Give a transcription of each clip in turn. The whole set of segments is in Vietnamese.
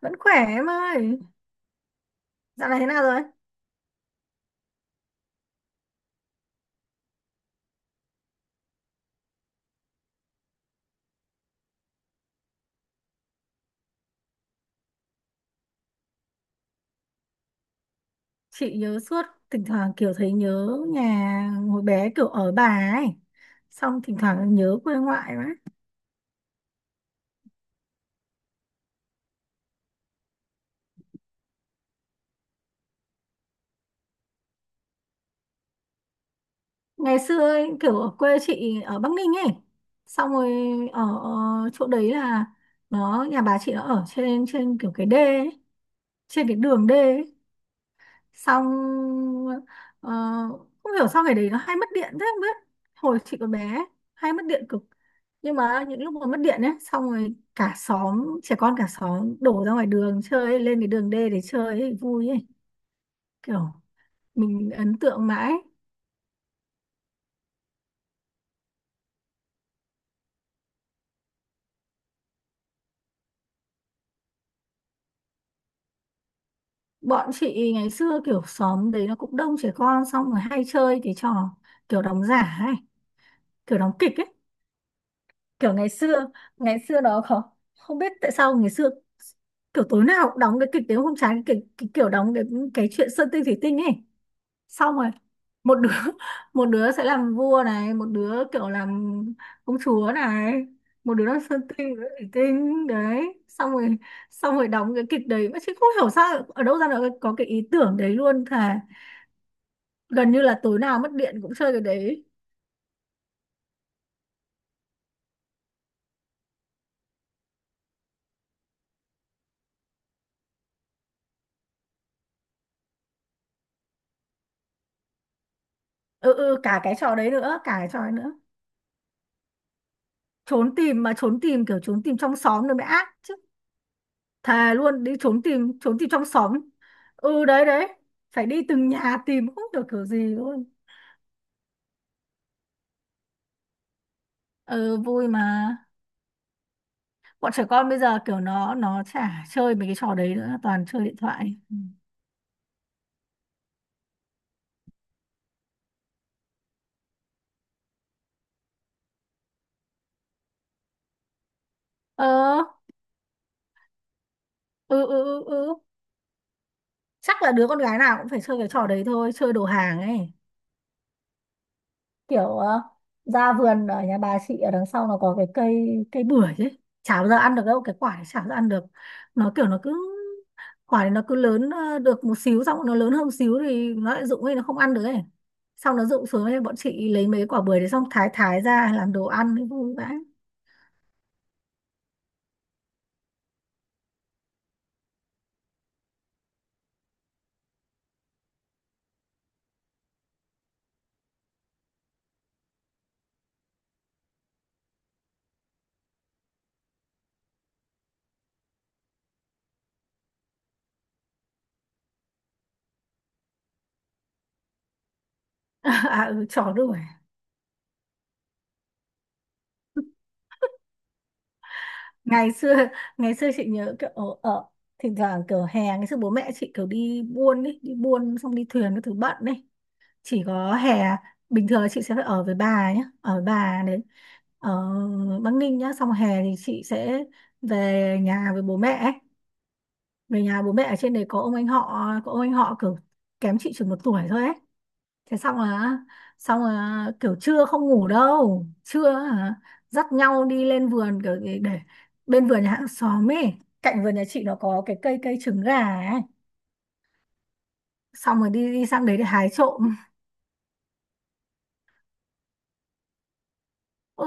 Vẫn khỏe em ơi. Dạo này thế nào rồi? Chị nhớ suốt. Thỉnh thoảng kiểu thấy nhớ nhà hồi bé kiểu ở bà ấy, xong thỉnh thoảng nhớ quê ngoại quá. Ngày xưa ấy, kiểu ở quê chị ở Bắc Ninh ấy, xong rồi ở, chỗ đấy là, nó nhà bà chị nó ở trên trên kiểu cái đê ấy, trên cái đường đê ấy. Xong ờ, không hiểu sao ngày đấy nó hay mất điện thế không biết. Hồi chị còn bé hay mất điện cực. Nhưng mà những lúc mà mất điện ấy, xong rồi cả xóm trẻ con, cả xóm đổ ra ngoài đường chơi ấy, lên cái đường đê để chơi ấy, vui ấy. Kiểu mình ấn tượng mãi. Bọn chị ngày xưa kiểu xóm đấy nó cũng đông trẻ con, xong rồi hay chơi cái trò kiểu đóng giả ấy, kiểu đóng kịch ấy. Kiểu ngày xưa, ngày xưa đó không, biết tại sao ngày xưa kiểu tối nào cũng đóng cái kịch tiếng hôm trái cái kiểu đóng cái chuyện Sơn Tinh Thủy Tinh ấy. Xong rồi một đứa một đứa sẽ làm vua này, một đứa kiểu làm công chúa này, một đứa làm Sơn Tinh, một đứa Thủy Tinh đấy. Xong rồi đóng cái kịch đấy mà chị không hiểu sao ở đâu ra nó có cái ý tưởng đấy luôn thà. Gần như là tối nào mất điện cũng chơi cái đấy. Ừ, ừ, cả cái trò đấy nữa, cả cái trò đấy nữa. Trốn tìm mà, trốn tìm kiểu trốn tìm trong xóm nữa mới ác chứ. Thề luôn đi trốn tìm, trốn tìm trong xóm. Ừ, đấy, đấy, phải đi từng nhà tìm không được kiểu gì luôn. Ừ vui mà. Bọn trẻ con bây giờ kiểu nó chả chơi mấy cái trò đấy nữa, toàn chơi điện thoại. Ừ. Ờ. Ừ, ừ, ừ, ừ. Chắc là đứa con gái nào cũng phải chơi cái trò đấy thôi, chơi đồ hàng ấy. Kiểu ra vườn ở nhà bà chị ở đằng sau nó có cái cây cây bưởi ấy, chả bao giờ ăn được đâu, cái quả này chả bao giờ ăn được. Nó kiểu nó cứ, quả này nó cứ lớn được một xíu, xong nó lớn hơn một xíu thì nó lại rụng ấy, nó không ăn được ấy, xong nó rụng xuống ấy, bọn chị lấy mấy quả bưởi đấy xong thái thái ra làm đồ ăn ấy, vui vãi. À, ừ, chó đuổi. Ngày xưa, ngày xưa chị nhớ kiểu ở, thỉnh thoảng kiểu hè ngày xưa bố mẹ chị kiểu đi buôn ấy, đi buôn xong đi thuyền cái thứ bận ấy, chỉ có hè. Bình thường là chị sẽ phải ở với bà nhé, ở với bà đấy ở Bắc Ninh nhá. Xong hè thì chị sẽ về nhà với bố mẹ ấy. Về nhà bố mẹ ở trên đấy có ông anh họ có ông anh họ kiểu kém chị chừng 1 tuổi thôi ấy. Thế xong là kiểu trưa không ngủ đâu, trưa hả, dắt nhau đi lên vườn kiểu để bên vườn nhà hàng xóm ấy, cạnh vườn nhà chị nó có cái cây cây trứng gà ấy, xong rồi đi đi sang đấy để hái trộm. Ừ,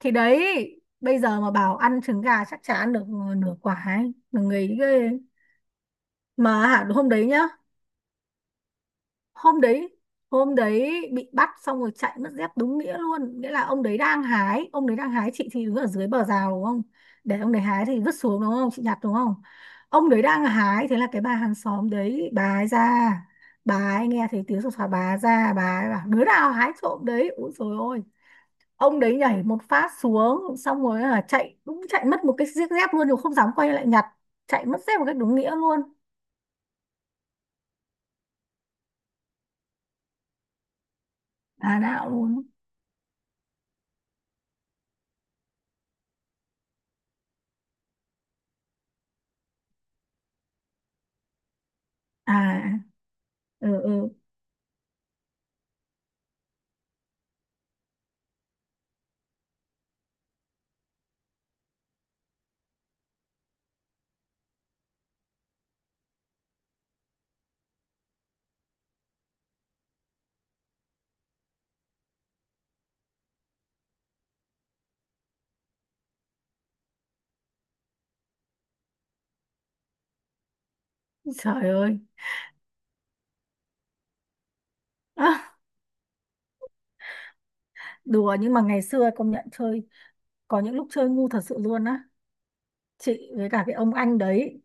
thì đấy, bây giờ mà bảo ăn trứng gà chắc chả ăn được nửa quả ấy mà người ghê. Mà hả, hôm đấy nhá hôm đấy hôm đấy bị bắt, xong rồi chạy mất dép đúng nghĩa luôn. Nghĩa là ông đấy đang hái, chị thì đứng ở dưới bờ rào đúng không, để ông đấy hái thì vứt xuống đúng không, chị nhặt đúng không, ông đấy đang hái. Thế là cái bà hàng xóm đấy, bà ấy ra, bà ấy nghe thấy tiếng sột soạt, bà ấy ra, bà ấy bảo đứa nào hái trộm đấy. Úi dồi ôi, ông đấy nhảy một phát xuống, xong rồi là chạy, đúng chạy mất một cái chiếc dép luôn, rồi không dám quay lại nhặt. Chạy mất dép một cách đúng nghĩa luôn. À đạo luôn. À, ừ, ừ, trời ơi. Đùa nhưng mà ngày xưa công nhận chơi, có những lúc chơi ngu thật sự luôn á. Chị với cả cái ông anh đấy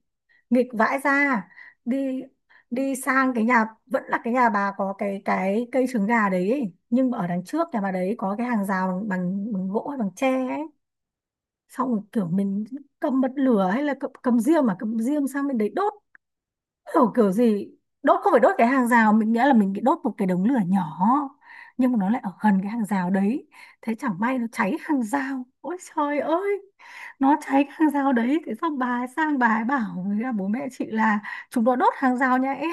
nghịch vãi ra. Đi đi sang cái nhà, vẫn là cái nhà bà có cái cây trứng gà đấy ấy. Nhưng mà ở đằng trước nhà bà đấy có cái hàng rào bằng bằng, bằng gỗ hay bằng tre ấy. Xong rồi kiểu mình cầm bật lửa, hay là cầm diêm, mà cầm diêm sang bên đấy đốt. Kiểu kiểu gì, đốt không phải đốt cái hàng rào mình, nghĩa là mình bị đốt một cái đống lửa nhỏ, nhưng mà nó lại ở gần cái hàng rào đấy, thế chẳng may nó cháy hàng rào. Ôi trời ơi, nó cháy cái hàng rào đấy, thế xong bà ấy sang, bà ấy bảo với cả bố mẹ chị là chúng nó đốt hàng rào nhà em.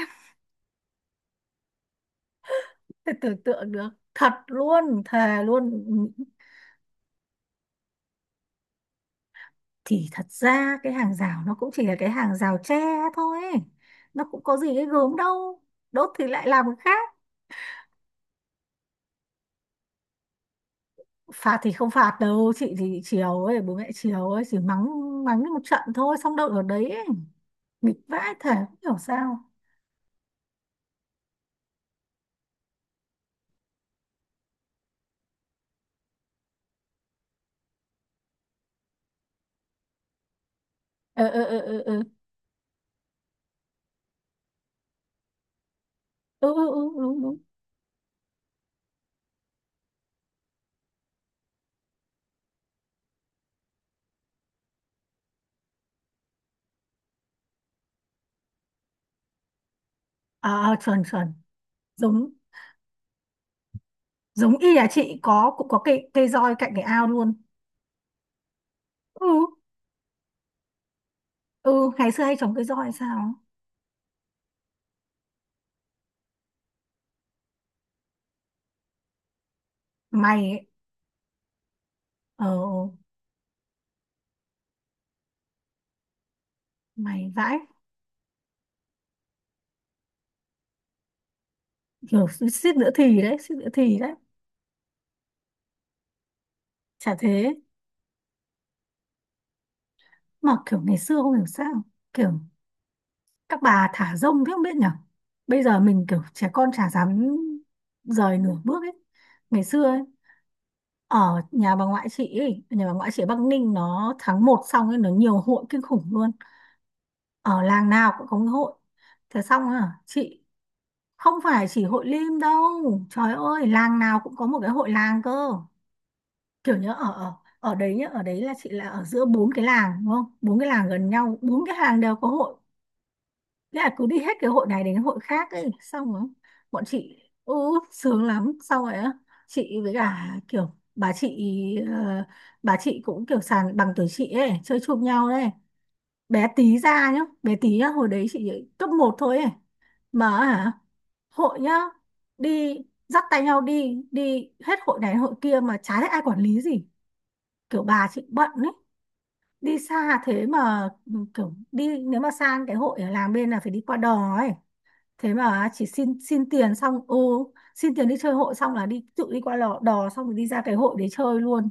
Thế tưởng tượng được. Thật luôn, thề luôn. Thì thật ra cái hàng rào nó cũng chỉ là cái hàng rào tre thôi, nó cũng có gì cái gớm đâu, đốt thì lại làm cái khác. Phạt thì không phạt đâu chị, thì chiều ấy bố mẹ chiều ấy chỉ mắng, mắng đi một trận thôi, xong đâu ở đấy ấy. Nghịch vãi thể không hiểu sao. Ờ, ờ, ờ, ờ, ờ. Ừ, ừ, ừ, đúng đúng. À, à, chuẩn chuẩn. Giống. Giống y là chị có cũng có cây cây roi cạnh cái ao luôn. Ừ, ừ, ngày xưa hay trồng cây roi hay sao. Mày ấy, ờ, ờ, mày vãi kiểu suýt nữa thì đấy, suýt nữa thì đấy. Chả thế. Mà kiểu ngày xưa không hiểu sao kiểu các bà thả rông thế không biết nhở. Bây giờ mình kiểu trẻ con chả dám rời nửa bước ấy. Ngày xưa ấy, ở nhà bà ngoại chị ấy, nhà bà ngoại chị ở Bắc Ninh, nó tháng 1 xong ấy, nó nhiều hội kinh khủng luôn, ở làng nào cũng có cái hội. Thế xong à chị, không phải chỉ Hội Lim đâu. Trời ơi làng nào cũng có một cái hội làng cơ. Kiểu nhớ ở ở ở đấy nhá, ở đấy là chị là ở giữa bốn cái làng đúng không, bốn cái làng gần nhau, bốn cái làng đều có hội. Thế là cứ đi hết cái hội này đến hội khác ấy, xong rồi bọn chị ừ, sướng lắm, xong rồi á, chị với cả kiểu bà chị, ờ, bà chị cũng kiểu sàn bằng tuổi chị ấy chơi chung nhau đấy, bé tí ra nhá, bé tí nhá, hồi đấy chị cấp 1 thôi ấy. Mà hả, hội nhá, đi dắt tay nhau đi đi hết hội này đến hội kia mà chả thấy ai quản lý gì, kiểu bà chị bận ấy, đi xa thế mà ừ, kiểu đi nếu mà sang cái hội ở làng bên là phải đi qua đò ấy. Thế mà chỉ xin xin tiền, xong xin tiền đi chơi hội, xong là đi tự đi qua lò, đò, xong rồi đi ra cái hội để chơi luôn.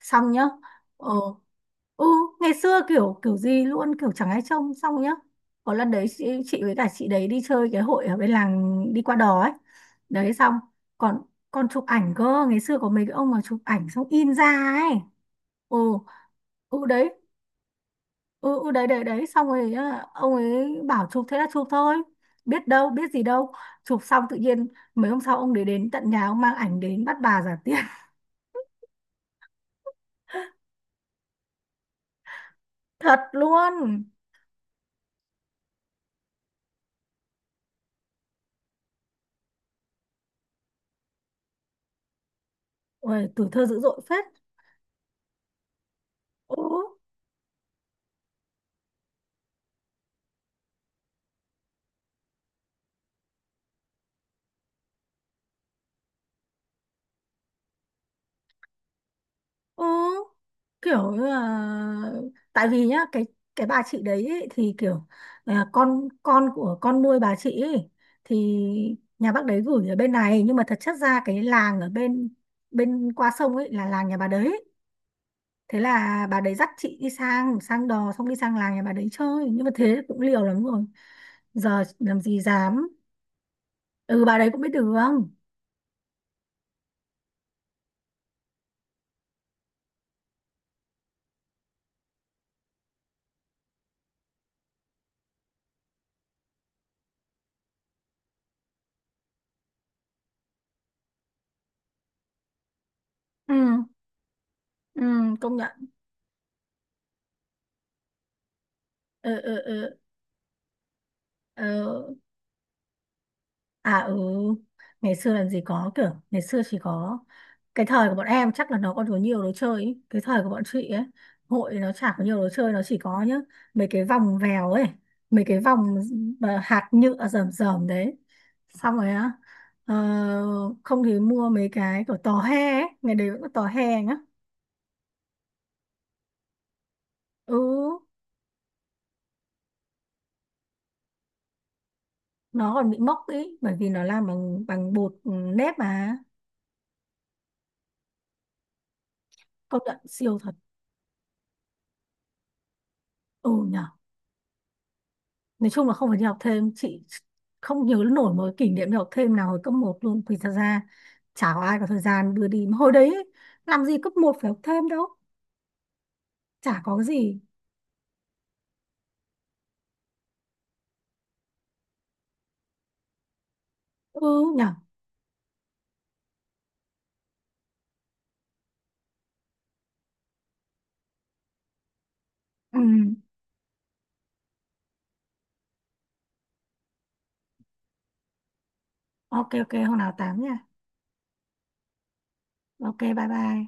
Xong nhá. Ờ, ừ. Ngày xưa kiểu kiểu gì luôn, kiểu chẳng ai trông, xong nhá. Có lần đấy chị với cả chị đấy đi chơi cái hội ở bên làng, đi qua đò ấy, đấy xong còn còn chụp ảnh cơ. Ngày xưa có mấy cái ông mà chụp ảnh xong in ra ấy. Ừ, ừ đấy. Ừ, ừ đấy, đấy, đấy, xong rồi á, ông ấy bảo chụp thế là chụp thôi, biết đâu biết gì đâu, chụp xong tự nhiên mấy hôm sau ông để đến tận nhà, ông mang ảnh đến bắt bà giả tiền. Thật luôn. Ôi, tuổi thơ dữ dội phết. Ừ, ừ, kiểu như là, tại vì nhá, cái bà chị đấy ý, thì kiểu à, con của con nuôi bà chị ý, thì nhà bác đấy gửi ở bên này nhưng mà thật chất ra cái làng ở bên bên qua sông ấy là làng nhà bà đấy. Thế là bà đấy dắt chị đi sang sang đò, xong đi sang làng nhà bà đấy chơi, nhưng mà thế cũng liều lắm rồi. Giờ làm gì dám. Ừ, bà đấy cũng biết đường. Ừ, ừ, công nhận. Ừ, ừ, ừ, ừ. À, ừ, ngày xưa làm gì có kiểu, ngày xưa chỉ có, cái thời của bọn em chắc là nó còn có nhiều đồ chơi ý. Cái thời của bọn chị ấy, hội nó chả có nhiều đồ chơi, nó chỉ có nhá, mấy cái vòng vèo ấy, mấy cái vòng mà hạt nhựa rờm rờm đấy. Xong rồi á, ờ, không thì mua mấy cái kiểu tò he ấy, ngày đấy vẫn có tò he nhá. Ừ, nó còn bị mốc ý, bởi vì nó làm bằng bằng bột ừ, nếp mà, công nhận siêu thật. Ừ nhỉ. Nói chung là không phải đi học thêm, chị không nhớ nổi một kỷ niệm đi học thêm nào hồi cấp 1 luôn, vì thật ra chả có ai có thời gian đưa đi mà hồi đấy ấy, làm gì cấp 1 phải học thêm đâu, chả có cái gì. Ừ nhở. Ừ, ok, ok, hôm nào tám nha. Ok, bye bye.